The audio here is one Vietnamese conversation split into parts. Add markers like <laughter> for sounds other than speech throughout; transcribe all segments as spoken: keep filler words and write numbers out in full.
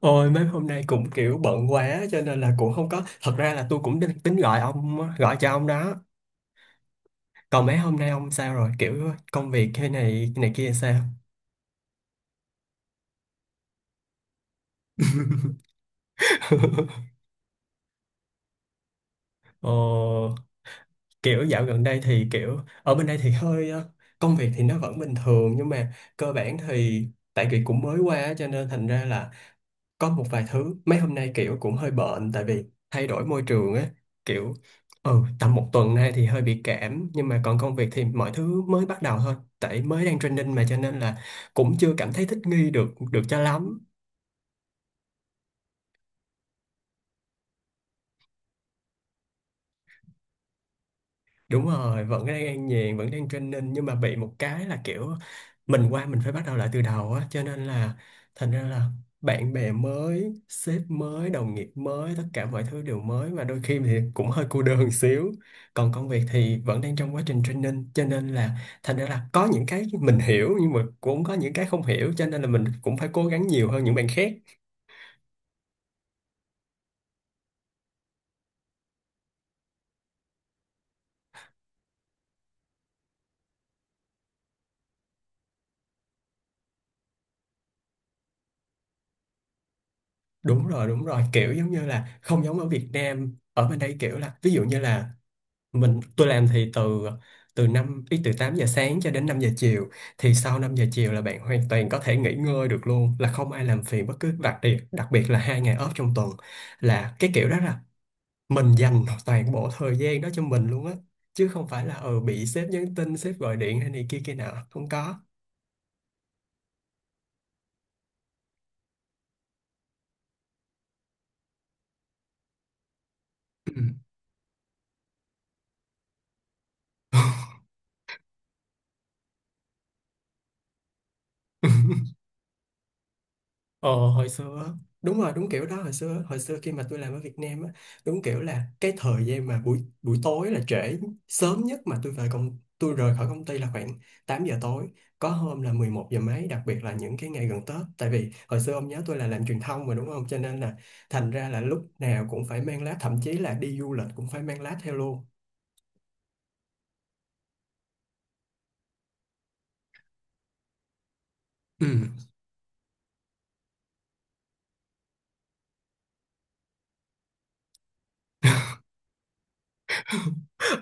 Ôi, mấy hôm nay cũng kiểu bận quá cho nên là cũng không có. Thật ra là tôi cũng định- tính gọi ông á, gọi cho ông đó. Còn mấy hôm nay ông sao rồi, kiểu công việc thế này này kia sao? <laughs> ờ, Kiểu dạo gần đây thì kiểu ở bên đây thì hơi ờ, công việc thì nó vẫn bình thường, nhưng mà cơ bản thì tại vì cũng mới qua á, cho nên thành ra là có một vài thứ mấy hôm nay kiểu cũng hơi bệnh, tại vì thay đổi môi trường á. Kiểu ừ tầm một tuần nay thì hơi bị cảm, nhưng mà còn công việc thì mọi thứ mới bắt đầu thôi, tại mới đang training mà, cho nên là cũng chưa cảm thấy thích nghi được được cho lắm. Đúng rồi, vẫn đang an nhàn, vẫn đang training, nhưng mà bị một cái là kiểu mình qua mình phải bắt đầu lại từ đầu á, cho nên là thành ra là bạn bè mới, sếp mới, đồng nghiệp mới, tất cả mọi thứ đều mới, mà đôi khi thì cũng hơi cô đơn xíu. Còn công việc thì vẫn đang trong quá trình training, cho nên là thành ra là có những cái mình hiểu nhưng mà cũng có những cái không hiểu, cho nên là mình cũng phải cố gắng nhiều hơn những bạn khác. Đúng rồi, đúng rồi, kiểu giống như là không giống ở Việt Nam. Ở bên đây kiểu là ví dụ như là mình tôi làm thì từ từ năm ý từ tám giờ sáng cho đến năm giờ chiều. Thì sau năm giờ chiều là bạn hoàn toàn có thể nghỉ ngơi được luôn, là không ai làm phiền bất cứ, đặc biệt đặc biệt là hai ngày off trong tuần, là cái kiểu đó là mình dành toàn bộ thời gian đó cho mình luôn á, chứ không phải là ừ bị sếp nhắn tin, sếp gọi điện hay này kia kia nào không có. Ừ. <laughs> Ờ Hồi xưa á, đúng rồi, đúng kiểu đó. Hồi xưa hồi xưa khi mà tôi làm ở Việt Nam á, đúng kiểu là cái thời gian mà buổi buổi tối là trễ, sớm nhất mà tôi về công tôi rời khỏi công ty là khoảng tám giờ tối, có hôm là mười một giờ mấy, đặc biệt là những cái ngày gần Tết, tại vì hồi xưa ông nhớ tôi là làm truyền thông mà đúng không, cho nên là thành ra là lúc nào cũng phải mang lá, thậm chí là đi du lịch cũng phải mang lá theo luôn. Ừ.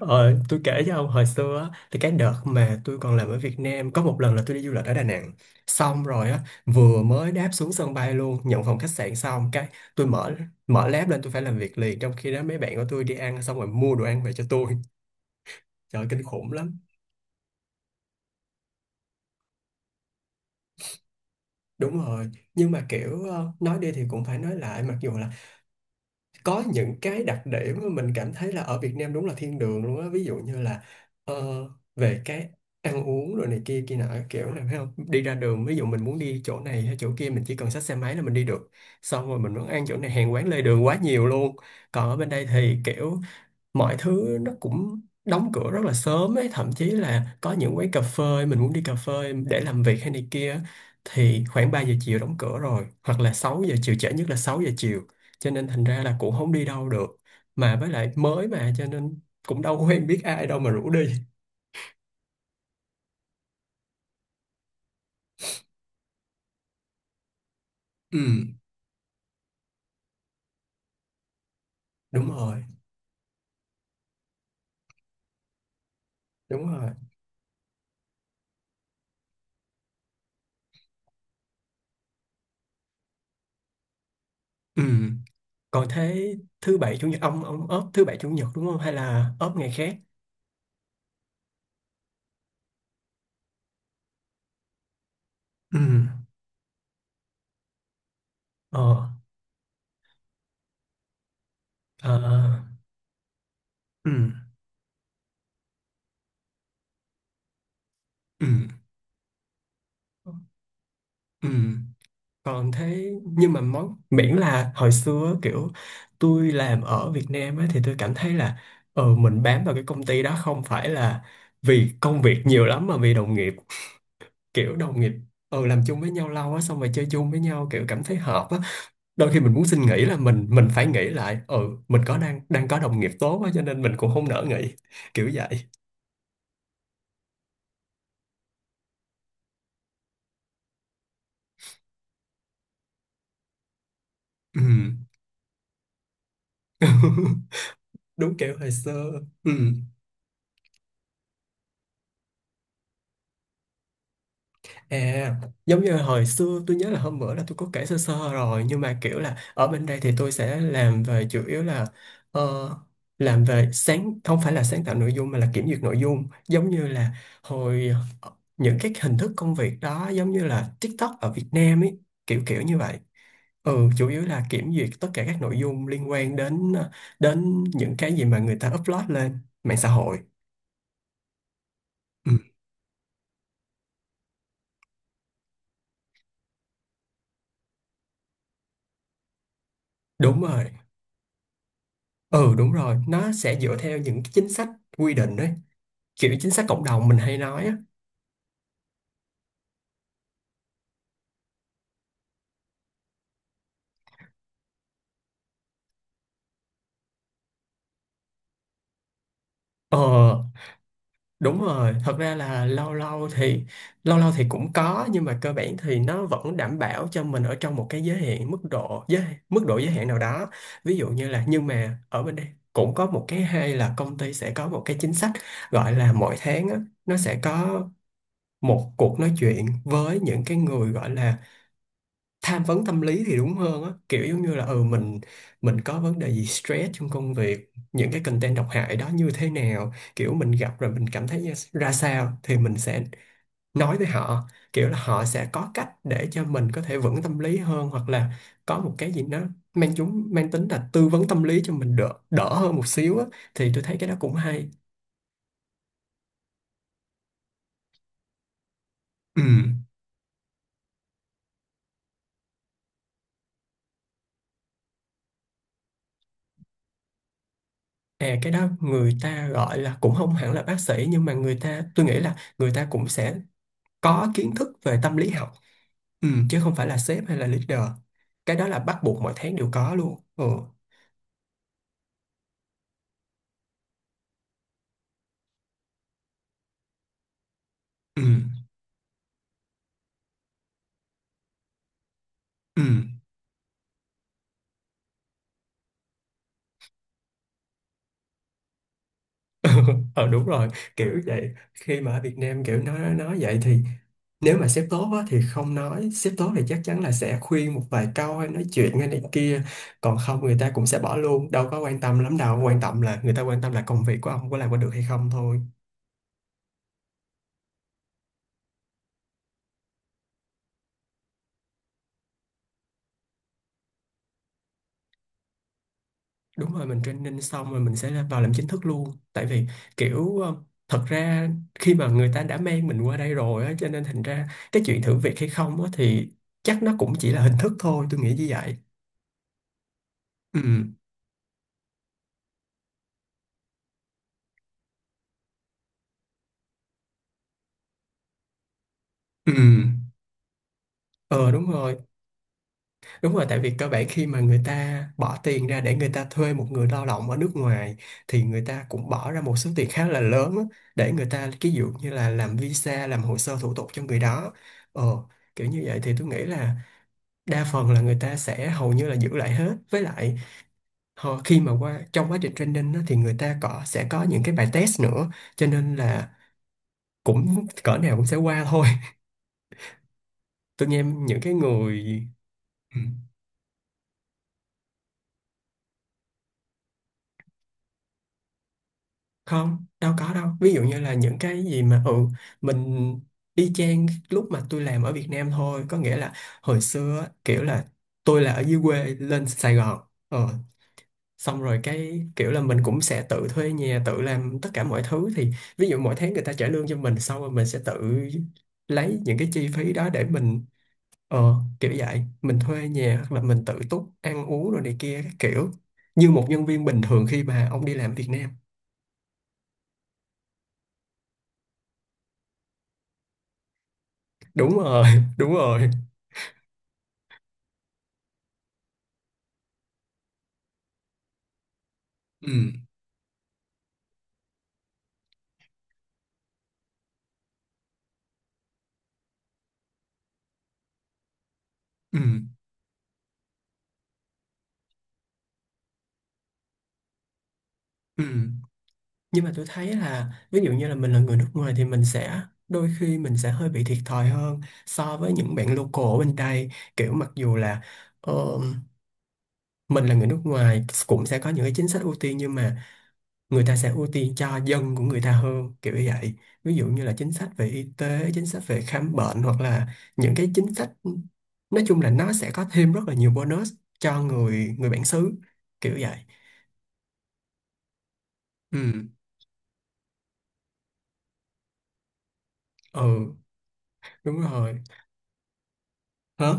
Ờ, tôi kể cho ông hồi xưa á, thì cái đợt mà tôi còn làm ở Việt Nam có một lần là tôi đi du lịch ở Đà Nẵng. Xong rồi á, vừa mới đáp xuống sân bay luôn, nhận phòng khách sạn xong cái tôi mở mở laptop lên, tôi phải làm việc liền, trong khi đó mấy bạn của tôi đi ăn xong rồi mua đồ ăn về cho tôi. Trời ơi, kinh khủng lắm. Đúng rồi, nhưng mà kiểu ờ, nói đi thì cũng phải nói lại, mặc dù là có những cái đặc điểm mà mình cảm thấy là ở Việt Nam đúng là thiên đường luôn á. Ví dụ như là ờ, về cái ăn uống rồi này kia kia nọ, kiểu này phải không, đi ra đường ví dụ mình muốn đi chỗ này hay chỗ kia mình chỉ cần xách xe máy là mình đi được. Xong rồi mình muốn ăn chỗ này, hàng quán lề đường quá nhiều luôn. Còn ở bên đây thì kiểu mọi thứ nó cũng đóng cửa rất là sớm ấy, thậm chí là có những quán cà phê mình muốn đi cà phê để làm việc hay này kia, thì khoảng ba giờ chiều đóng cửa rồi, hoặc là sáu giờ chiều, trễ nhất là sáu giờ chiều, cho nên thành ra là cũng không đi đâu được. Mà với lại mới mà cho nên cũng đâu quen biết ai đâu mà rủ đi. Ừ, đúng rồi, đúng rồi. Ừ. Còn thế thứ bảy chủ nhật ông ông ốp thứ bảy chủ nhật đúng không, hay là ốp ngày khác? Ừ. ờ ờ ừ. Ừ. Ừ. Còn thế nhưng mà món miễn là hồi xưa kiểu tôi làm ở Việt Nam á, thì tôi cảm thấy là ừ, mình bám vào cái công ty đó không phải là vì công việc nhiều lắm mà vì đồng nghiệp, kiểu đồng nghiệp ừ làm chung với nhau lâu á, xong rồi chơi chung với nhau kiểu cảm thấy hợp á. Đôi khi mình muốn xin nghỉ là mình mình phải nghĩ lại, ừ mình có đang đang có đồng nghiệp tốt á, cho nên mình cũng không nỡ nghỉ, kiểu vậy. Ừ. <laughs> Đúng kiểu hồi xưa. Ừ. À, giống như hồi xưa tôi nhớ là hôm bữa là tôi có kể sơ sơ rồi, nhưng mà kiểu là ở bên đây thì tôi sẽ làm về chủ yếu là ờ, làm về, sáng không phải là sáng tạo nội dung mà là kiểm duyệt nội dung, giống như là hồi ờ, những cái hình thức công việc đó giống như là TikTok ở Việt Nam ấy, kiểu kiểu như vậy. Ừ, chủ yếu là kiểm duyệt tất cả các nội dung liên quan đến ờ, đến những cái gì mà người ta upload lên mạng xã hội. Ừ, đúng rồi. Ừ, đúng rồi, nó sẽ dựa theo những cái chính sách quy định đấy, kiểu chính sách cộng đồng mình hay nói á. ờ Đúng rồi, thật ra là lâu lâu thì lâu lâu thì cũng có, nhưng mà cơ bản thì nó vẫn đảm bảo cho mình ở trong một cái giới hạn, mức độ giới mức độ giới hạn nào đó. Ví dụ như là, nhưng mà ở bên đây cũng có một cái hay là công ty sẽ có một cái chính sách gọi là mỗi tháng á, nó sẽ có một cuộc nói chuyện với những cái người gọi là tham vấn tâm lý thì đúng hơn á, kiểu giống như là ừ mình mình có vấn đề gì stress trong công việc, những cái content độc hại đó như thế nào, kiểu mình gặp rồi mình cảm thấy như- ra sao thì mình sẽ nói với họ, kiểu là họ sẽ có cách để cho mình có thể vững tâm lý hơn, hoặc là có một cái gì nó mang chúng mang tính là tư vấn tâm lý cho mình đỡ đỡ hơn một xíu á, thì tôi thấy cái đó cũng hay. Ừ. À, cái đó người ta gọi là cũng không hẳn là bác sĩ, nhưng mà người ta tôi nghĩ là người ta cũng sẽ có kiến thức về tâm lý học. Ừ, chứ không phải là sếp hay là leader. Cái đó là bắt buộc mỗi tháng đều có luôn. Ừ. Ừ. Ừ. <laughs> ờ Đúng rồi, kiểu vậy. Khi mà ở Việt Nam kiểu nói nói vậy thì, nếu mà sếp tốt á, thì không, nói sếp tốt thì chắc chắn là sẽ khuyên một vài câu hay nói chuyện hay này kia. Còn không, người ta cũng sẽ bỏ luôn, đâu có quan tâm lắm, đâu quan tâm, là người ta quan tâm là công việc của ông có làm có được hay không thôi. Đúng rồi, mình training xong rồi mình sẽ là vào làm chính thức luôn. Tại vì kiểu ờ, thật ra khi mà người ta đã mang mình qua đây rồi á, cho nên thành ra cái chuyện thử việc hay không á, thì chắc nó cũng chỉ là hình thức thôi, tôi nghĩ như vậy. Ừ, ừ, ờ đúng rồi, đúng rồi. Tại vì cơ bản khi mà người ta bỏ tiền ra để người ta thuê một người lao động ở nước ngoài, thì người ta cũng bỏ ra một số tiền khá là lớn á, để người ta ví dụ như là làm visa, làm hồ sơ thủ tục cho người đó. Ờ, Kiểu như vậy thì tôi nghĩ là đa phần là người ta sẽ hầu như là giữ lại hết, với lại họ khi mà qua trong quá trình training á, thì người ta có sẽ có những cái bài test nữa, cho nên là cũng cỡ nào cũng sẽ qua thôi. <laughs> Tôi nghe những cái người. Ừ. Không, đâu có đâu, ví dụ như là những cái gì mà ừ mình y chang lúc mà tôi làm ở Việt Nam thôi, có nghĩa là hồi xưa á, kiểu là tôi là ở dưới quê lên Sài Gòn, ờ xong rồi cái kiểu là mình cũng sẽ tự thuê nhà, tự làm tất cả mọi thứ. Thì ví dụ mỗi tháng người ta trả lương cho mình, xong rồi mình sẽ tự lấy những cái chi phí đó để mình ờ kiểu vậy mình thuê nhà, hoặc là mình tự túc ăn uống rồi này kia các kiểu, như một nhân viên bình thường khi mà ông đi làm Việt Nam. Đúng rồi. <laughs> Đúng rồi. Ừ. Ừ. Ừ. Nhưng mà tôi thấy là ví dụ như là mình là người nước ngoài thì mình sẽ, đôi khi mình sẽ hơi bị thiệt thòi hơn so với những bạn local ở bên đây, kiểu mặc dù là ờ, mình là người nước ngoài cũng sẽ có những cái chính sách ưu tiên, nhưng mà người ta sẽ ưu tiên cho dân của người ta hơn, kiểu như vậy. Ví dụ như là chính sách về y tế, chính sách về khám bệnh, hoặc là những cái chính sách, nói chung là nó sẽ có thêm rất là nhiều bonus cho người người bản xứ, kiểu vậy. Ừ. Ừ. Đúng rồi. Hả?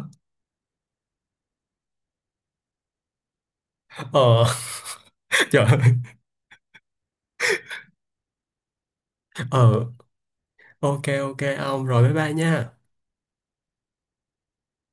Ờ. <laughs> Trời ơi. Ờ, ok ok ông, rồi bye bye nha.